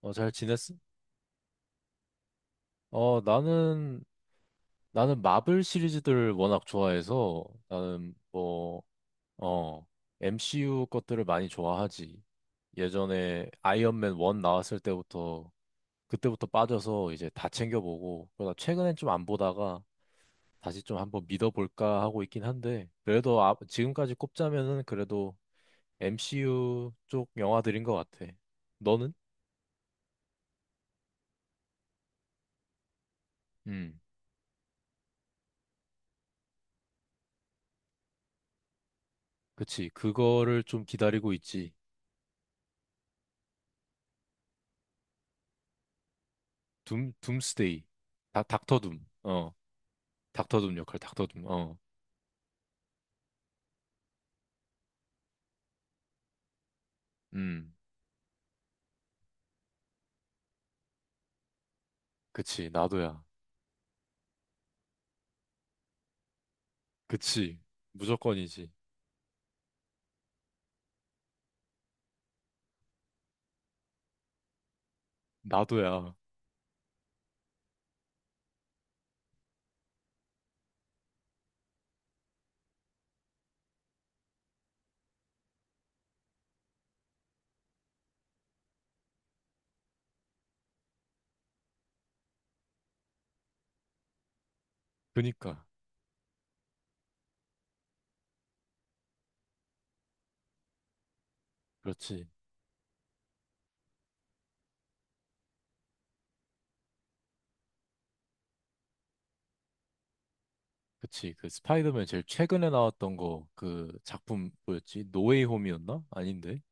잘 지냈어? 어, 나는, 나는 마블 시리즈들을 워낙 좋아해서 나는 뭐, 어, MCU 것들을 많이 좋아하지. 예전에 아이언맨 1 나왔을 때부터, 그때부터 빠져서 이제 다 챙겨보고, 그러다 최근엔 좀 안 보다가 다시 좀 한번 믿어볼까 하고 있긴 한데, 그래도 아, 지금까지 꼽자면은 그래도 MCU 쪽 영화들인 것 같아. 너는? 음, 그치. 그거를 좀 기다리고 있지. 둠스데이. 닥터 둠. 어. 닥터 둠 역할, 닥터 둠. 어. 음. 그치, 나도야. 그치. 무조건이지. 나도야. 그니까. 그렇지. 그치. 그 스파이더맨 제일 최근에 나왔던 거, 그 작품 뭐였지? 노웨이 홈이었나? 아닌데.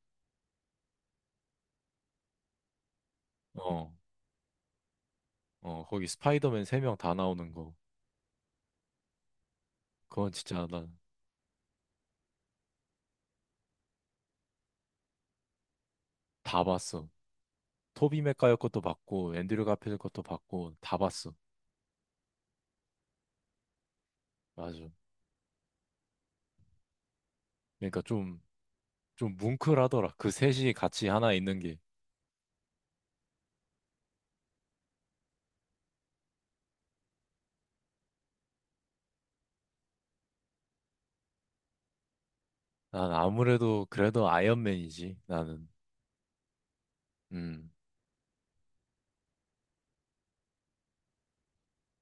어. 어. 거기 스파이더맨 3명 다 나오는 거. 그건 진짜 나 다 봤어. 토비 맥과이어 것도 봤고, 앤드류 가필 것도 봤고, 다 봤어. 맞아. 그러니까 좀 뭉클하더라. 그 셋이 같이 하나 있는 게. 난 아무래도 그래도 아이언맨이지, 나는. 음,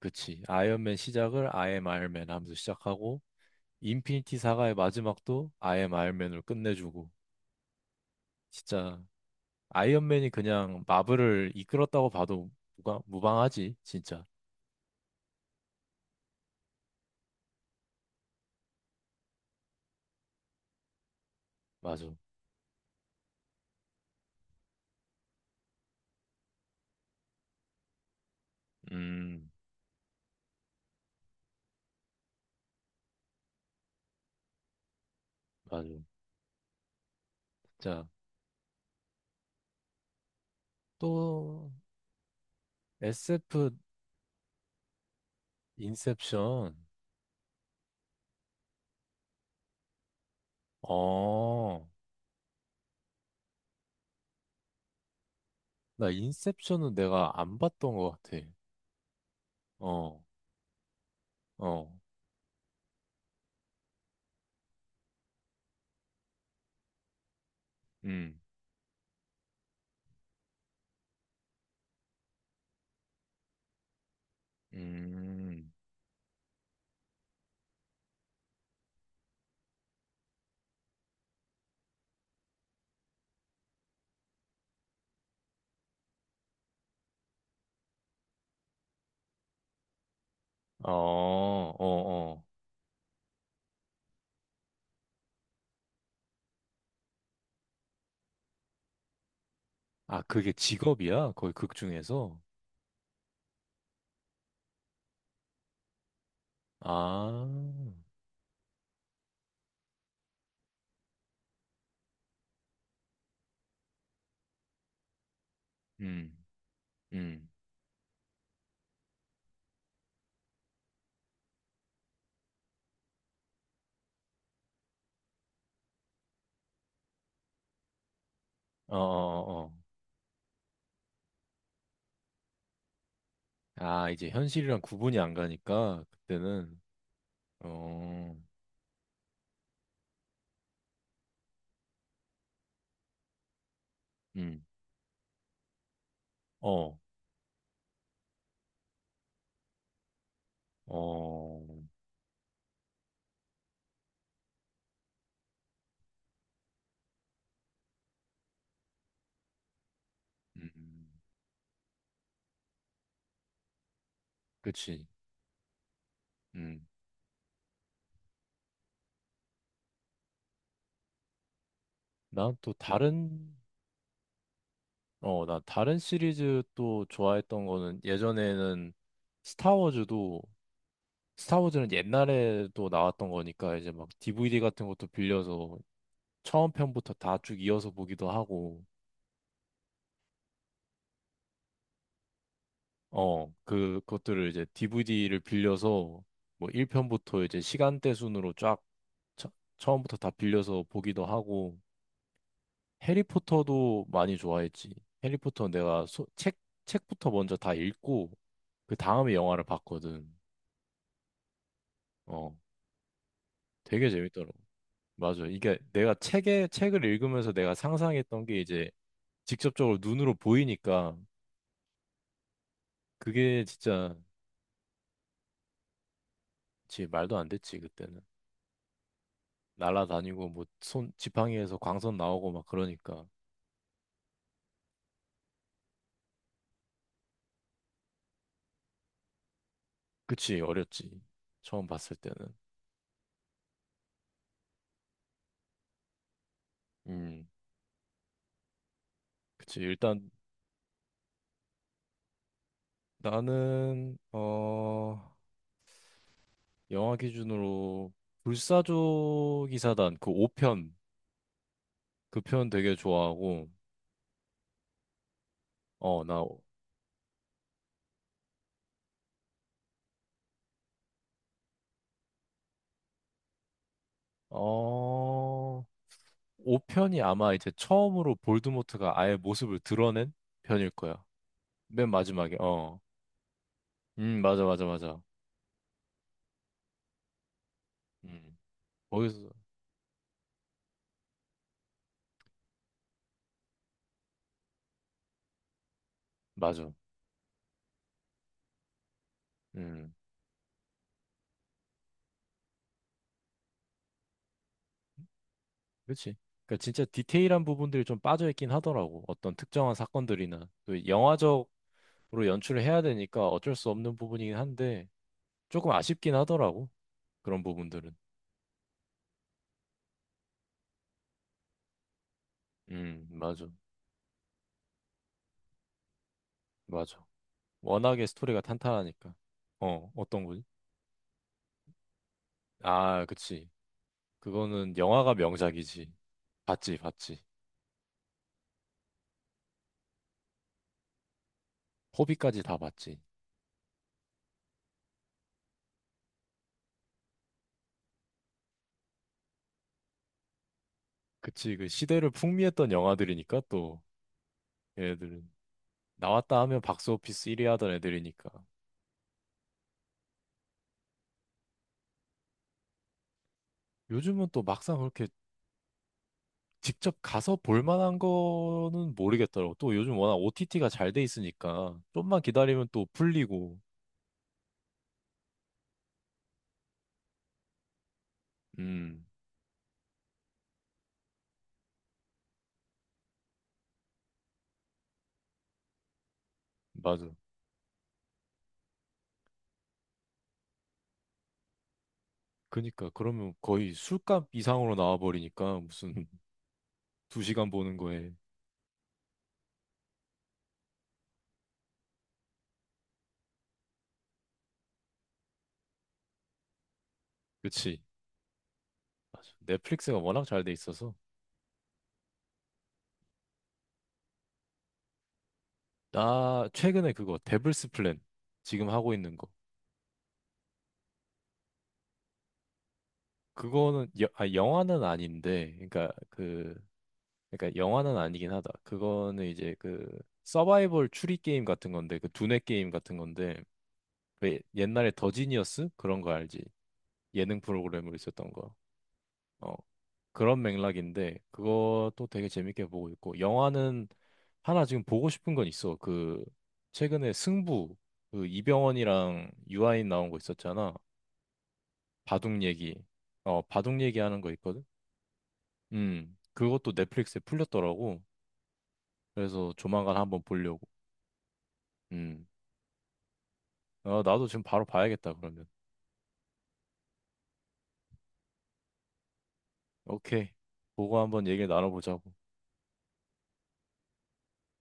그치. 아이언맨 시작을 I am Iron Man 하면서 시작하고, 인피니티 사가의 마지막도 I am Iron Man으로 끝내주고, 진짜 아이언맨이 그냥 마블을 이끌었다고 봐도 무방하지, 진짜. 맞아. 음, 맞아. 자, 또 SF 인셉션. 어, 나 인셉션은 내가 안 봤던 것 같아. 어, 어, 음. 음. 어, 어, 어. 아, 그게 직업이야? 거의 극 중에서? 아, 음, 음. 어, 어, 어. 아, 이제 현실이랑 구분이 안 가니까, 그때는, 어, 음, 어, 어, 음, 그치. 음. 난 또 다른, 나 다른 시리즈 또 좋아했던 거는 예전에는 스타워즈도 스타워즈는 옛날에도 나왔던 거니까 이제 막 DVD 같은 것도 빌려서 처음 편부터 다 쭉 이어서 보기도 하고, 그것들을 이제 DVD를 빌려서 뭐 1편부터 이제 시간대 순으로 쫙 처, 처음부터 다 빌려서 보기도 하고, 해리포터도 많이 좋아했지. 해리포터 내가 책부터 먼저 다 읽고, 그 다음에 영화를 봤거든. 어, 되게 재밌더라고. 맞아. 이게 내가 책을 읽으면서 내가 상상했던 게 이제 직접적으로 눈으로 보이니까 그게 진짜 지 말도 안 됐지, 그때는. 날아다니고 뭐 손 지팡이에서 광선 나오고 막 그러니까 그치 어렸지 처음 봤을 때는 음 그치 일단 나는 영화 기준으로 불사조 기사단 그 5편 그 편 되게 좋아하고 어 나어 5편이 아마 이제 처음으로 볼드모트가 아예 모습을 드러낸 편일 거야 맨 마지막에 어 맞아 맞아 맞아 음 거기서 맞아 음 그렇지. 그러니까 진짜 디테일한 부분들이 좀 빠져있긴 하더라고. 어떤 특정한 사건들이나 또 영화적으로 연출을 해야 되니까 어쩔 수 없는 부분이긴 한데 조금 아쉽긴 하더라고. 그런 부분들은. 맞아. 맞아. 워낙에 스토리가 탄탄하니까. 어떤 거지? 아, 그치. 그거는 영화가 명작이지. 봤지, 봤지. 호비까지 다 봤지. 그치. 그 시대를 풍미했던 영화들이니까 또 얘네들은 나왔다 하면 박스오피스 1위 하던 애들이니까. 요즘은 또 막상 그렇게 직접 가서 볼 만한 거는 모르겠더라고. 또 요즘 워낙 OTT가 잘 돼 있으니까 좀만 기다리면 또 풀리고. 음, 맞아. 그니까 그러면 거의 술값 이상으로 나와버리니까 무슨 2시간 보는 거에. 그치. 맞아. 넷플릭스가 워낙 잘 돼 있어서. 나 최근에 그거 데블스 플랜 지금 하고 있는 거. 그거는 영화는 아닌데, 그러니까 영화는 아니긴 하다. 그거는 이제 그 서바이벌 추리 게임 같은 건데, 그 두뇌 게임 같은 건데, 왜 옛날에 더 지니어스 그런 거 알지? 예능 프로그램으로 있었던 거. 어. 그런 맥락인데 그것도 되게 재밌게 보고 있고 영화는 하나 지금 보고 싶은 건 있어. 그 최근에 승부 그 이병헌이랑 유아인 나온 거 있었잖아. 바둑 얘기. 바둑 얘기하는 거 있거든. 음. 그것도 넷플릭스에 풀렸더라고. 그래서 조만간 한번 보려고. 음. 어, 나도 지금 바로 봐야겠다 그러면. 오케이. 보고 한번 얘기를 나눠보자고.